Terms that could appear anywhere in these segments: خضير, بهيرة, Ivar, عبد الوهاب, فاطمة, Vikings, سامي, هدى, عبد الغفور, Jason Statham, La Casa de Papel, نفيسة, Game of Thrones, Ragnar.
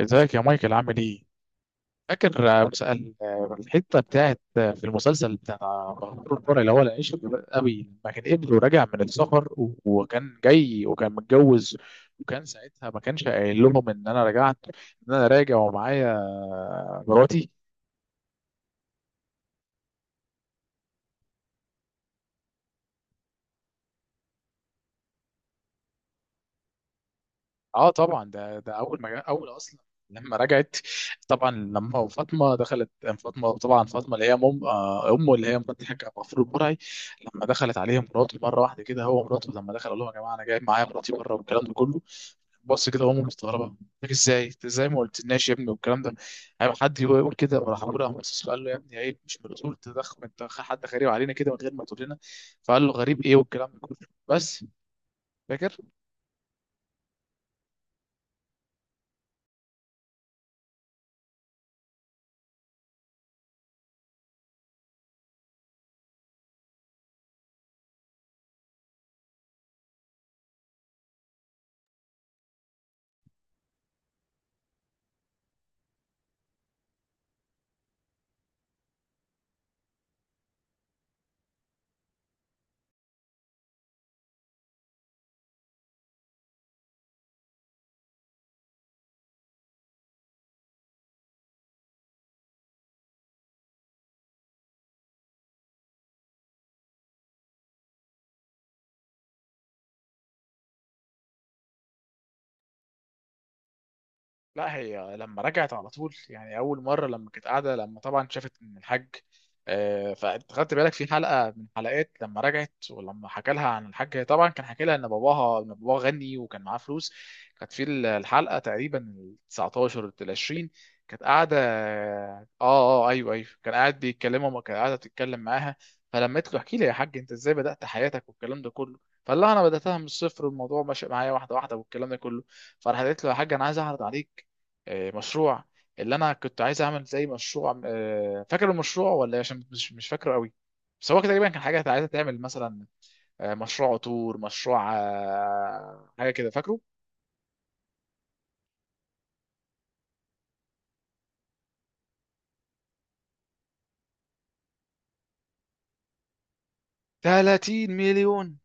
ازيك يا مايكل عامل ايه؟ فاكر مسأل الحته بتاعت في المسلسل بتاع بهدور الفرع اللي هو العيش قوي لما كان ابنه راجع من السفر وكان جاي وكان متجوز. وكان ساعتها ما كانش قايل لهم ان انا رجعت، ان انا راجع ومعايا مراتي. اه طبعا ده اول ما اول اصلا لما رجعت. طبعا لما فاطمه دخلت. فاطمه طبعا فاطمه اللي هي امه اللي هي مرات الحاج ابو غفور البرعي. لما دخلت عليه مراته مره واحده كده، هو مراته لما دخل قال لهم يا جماعه انا جايب معايا مراتي بره والكلام ده كله. بص كده امه مستغربه، قلت لك ازاي إنت ازاي ما قلتلناش يا ابني والكام ده، هيبقى حد يقول كده. وراح ابوه راح بص له قال له يا ابني عيب، مش من الاصول تدخل انت حد غريب علينا كده من غير ما تقول لنا. فقال له غريب ايه والكلام ده كله. بس فاكر. لا هي لما رجعت على طول، يعني اول مره لما كانت قاعده لما طبعا شافت ان الحاج فانت خدت بالك في حلقه من حلقات لما رجعت، ولما حكى لها عن الحاج هي طبعا كان حكى لها ان باباها، ان باباها غني وكان معاه فلوس. كانت في الحلقه تقريبا ال 19 ال 20، كانت قاعده اه. اه ايوه ايوه، كان قاعد بيتكلموا ما كان قاعده تتكلم معاها. فلما قلت له احكي لي يا حاج انت ازاي بدات حياتك والكلام ده كله. فقال لها انا بداتها من الصفر والموضوع ماشي معايا واحده واحده والكلام ده كله. فراح قالت له يا حاج انا عايز اعرض عليك مشروع، اللي انا كنت عايز اعمل زي مشروع، فاكر المشروع ولا إيه؟ عشان مش فاكره قوي. بس هو كده تقريبا كان حاجه عايزه تعمل مثلا مشروع عطور، مشروع حاجه كده فاكره. 30 مليون.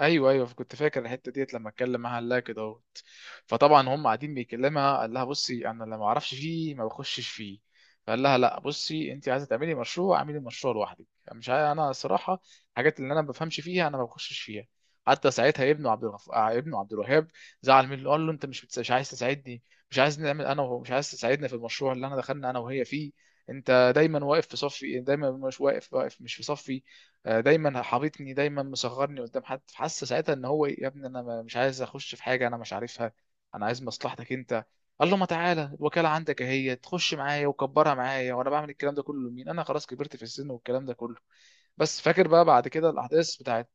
ايوه ايوه كنت فاكر الحته ديت. لما اتكلم معاها قال لها كده اهوت. فطبعا هم قاعدين بيكلمها قال لها بصي انا لما اعرفش فيه ما بخشش فيه. فقال لها لا بصي انت عايزه تعملي مشروع اعملي مشروع لوحدك. مش عاي... انا صراحه، الحاجات اللي انا ما بفهمش فيها انا ما بخشش فيها. حتى ساعتها ابنه عبد الغف... آه، ابنه عبد الوهاب زعل منه، قال له انت مش عايز تساعدني، مش عايز نعمل انا وهو، مش عايز تساعدنا في المشروع اللي انا دخلنا انا وهي فيه. انت دايما واقف في صفي، دايما مش واقف مش في صفي. دايما حاططني دايما مصغرني قدام حد. فحس ساعتها ان هو إيه، يا ابني انا مش عايز اخش في حاجه انا مش عارفها، انا عايز مصلحتك انت. قال له ما تعالى الوكاله عندك اهي، تخش معايا وكبرها معايا، وانا بعمل الكلام ده كله لمين؟ انا خلاص كبرت في السن والكلام ده كله. بس فاكر بقى بعد كده الاحداث بتاعت.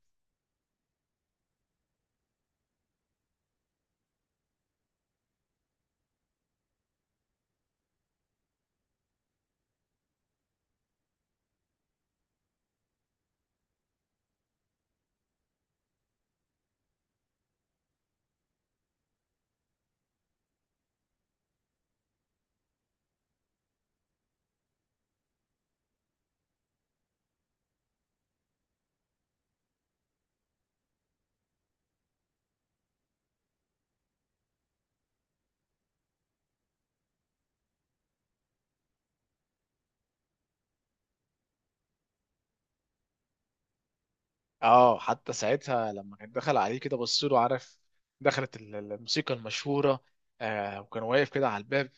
اه حتى ساعتها لما كان دخل عليه كده بص له، عارف، دخلت الموسيقى المشهوره، آه، وكان واقف كده على الباب.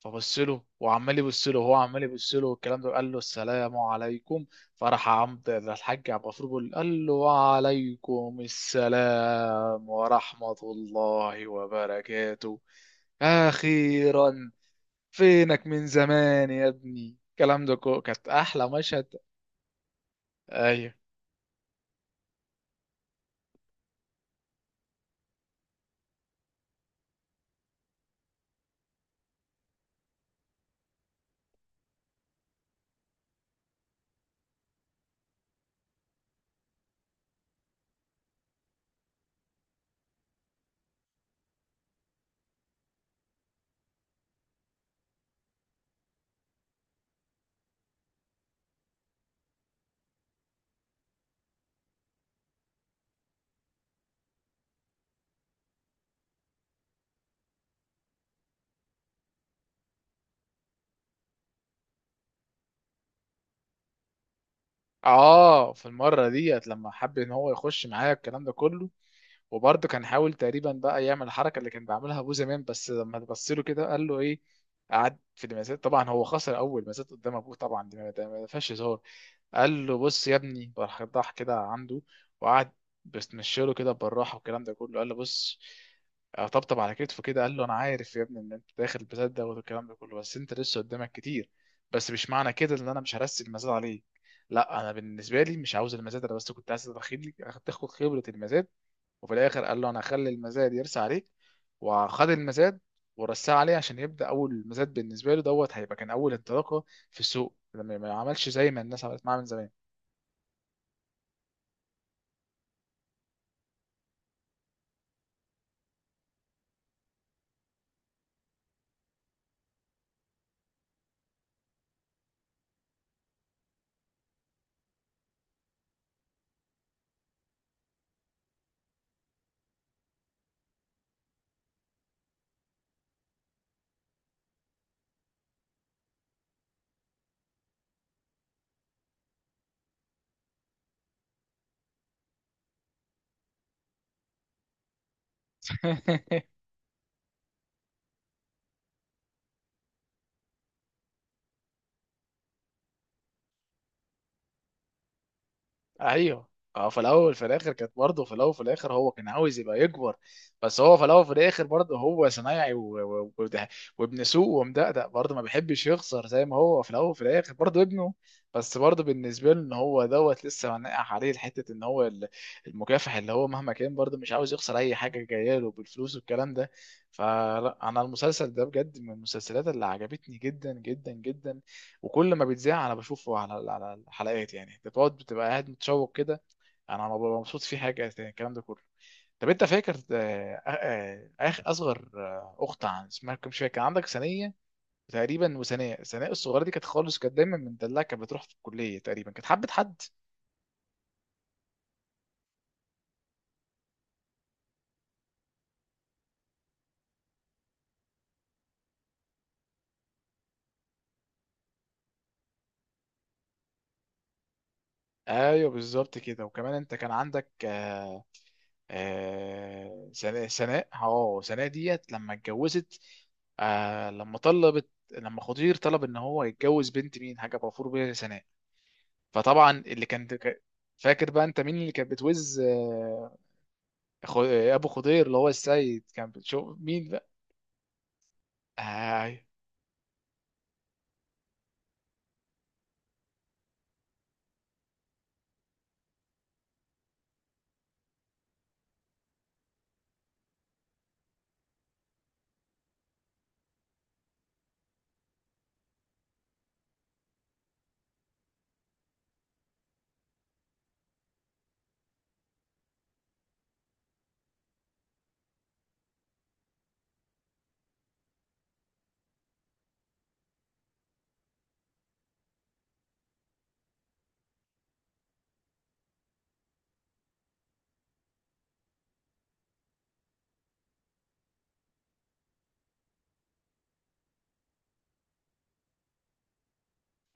فبص له وعمال يبص له وهو عمال يبص له والكلام ده. قال له السلام عليكم. فراح عمد الحاج عبد الغفور بيقول قال له وعليكم السلام ورحمه الله وبركاته، اخيرا، فينك من زمان يا ابني. الكلام ده كانت احلى مشهد. ايوه. اه في المره ديت لما حب ان هو يخش معايا الكلام ده كله، وبرضه كان حاول تقريبا بقى يعمل الحركه اللي كان بيعملها ابوه زمان، بس لما تبص له كده قال له ايه. قعد في المزاد، طبعا هو خسر اول مزاد قدام ابوه، طبعا دي ما فيهاش هزار. قال له بص يا ابني، راح راح كده عنده، وقعد بيستمشيله كده بالراحه والكلام ده كله، قال له بص، طبطب على كتفه كده قال له انا عارف يا ابني ان انت داخل البلد ده والكلام ده كله، بس انت لسه قدامك كتير. بس مش معنى كده ان انا مش هرسي المزاد عليك. لا انا بالنسبه لي مش عاوز المزاد، انا بس كنت عايز تاخد خبره المزاد. وفي الاخر قال له انا هخلي المزاد يرسى عليك. وخد المزاد ورساه عليه عشان يبدا اول مزاد بالنسبه له دوت، هيبقى كان اول انطلاقه في السوق، لما ما عملش زي ما الناس عملت معاه من زمان. ايوه. اه في الاول في الاخر كانت برضه، في الاول في الاخر هو كان عاوز يبقى يكبر. بس هو في الاول في الاخر برضه هو صنايعي و... و... وابن سوق ومدقدق، برضه ما بيحبش يخسر زي ما هو في الاول في الاخر برضه ابنه. بس برضه بالنسبه له ان هو دوت لسه منقح عليه حته ان هو المكافح، اللي هو مهما كان برضه مش عاوز يخسر اي حاجه جايه له بالفلوس والكلام ده. فلا انا المسلسل ده بجد من المسلسلات اللي عجبتني جدا جدا جدا، وكل ما بيتذاع انا بشوفه على على الحلقات. يعني انت بتقعد بتبقى قاعد متشوق كده، انا ما ببقى مبسوط في حاجه تاني الكلام ده كله. طب انت فاكر اخ اصغر، اخت عن اسمها كم مش فاكر، كان عندك ثانيه تقريبا، وثناء، ثناء الصغيره دي كانت خالص كانت دايما مدلعه، كانت بتروح في الكليه تقريبا كانت حبه حد. ايوه بالظبط كده. وكمان انت كان عندك سناء، سناء اه، سناء ديت لما اتجوزت، آه، لما طلبت، لما خضير طلب ان هو يتجوز بنت مين، حاجه غفور بيها سناء. فطبعا اللي كان فاكر بقى انت مين اللي كانت بتوز ابو خضير اللي هو السيد كان، بتشوف مين بقى. اه.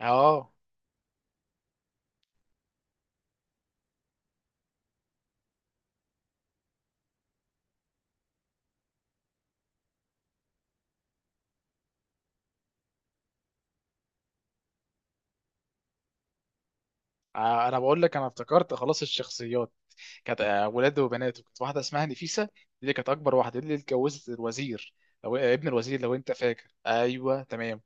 آه. انا بقول لك انا افتكرت خلاص الشخصيات. كانت ولاده وبناته، كانت واحده اسمها نفيسه دي اللي كانت اكبر واحده، دي اللي اتجوزت الوزير، لو ابن الوزير لو انت فاكر. ايوه تمام.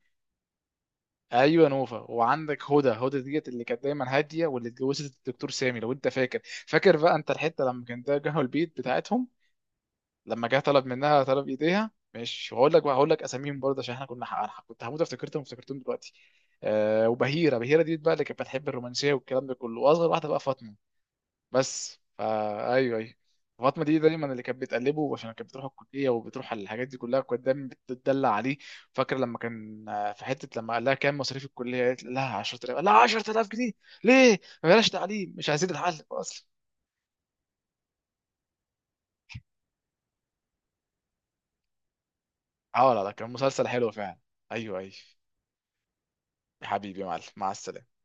ايوه نوفا. وعندك هدى، هدى ديت اللي كانت دايما هاديه، واللي اتجوزت الدكتور سامي لو انت فاكر. فاكر بقى انت الحته لما كان ده جه البيت بتاعتهم، لما جه طلب منها طلب ايديها، مش هقول لك بقى هقول لك اساميهم برضه عشان احنا كنا، أنا كنت هموت افتكرتهم افتكرتهم دلوقتي. آه وبهيره، بهيره ديت بقى اللي كانت بتحب الرومانسيه والكلام ده كله. واصغر واحده بقى فاطمه. بس فا ايوه ايوه. فاطمه دي دايما اللي كانت بتقلبه عشان كانت بتروح الكليه وبتروح على الحاجات دي كلها، كانت دايما بتدلع عليه. فاكر لما كان في حته لما قال لها كام مصاريف الكليه، قالت لها 10000، قال لها 10000 جنيه؟ ليه؟ ما بلاش تعليم، مش عايزين الحل اصلا. اه لا لا كان مسلسل حلو فعلا. ايوه ايوه. يا حبيبي يا معلم مع السلامه.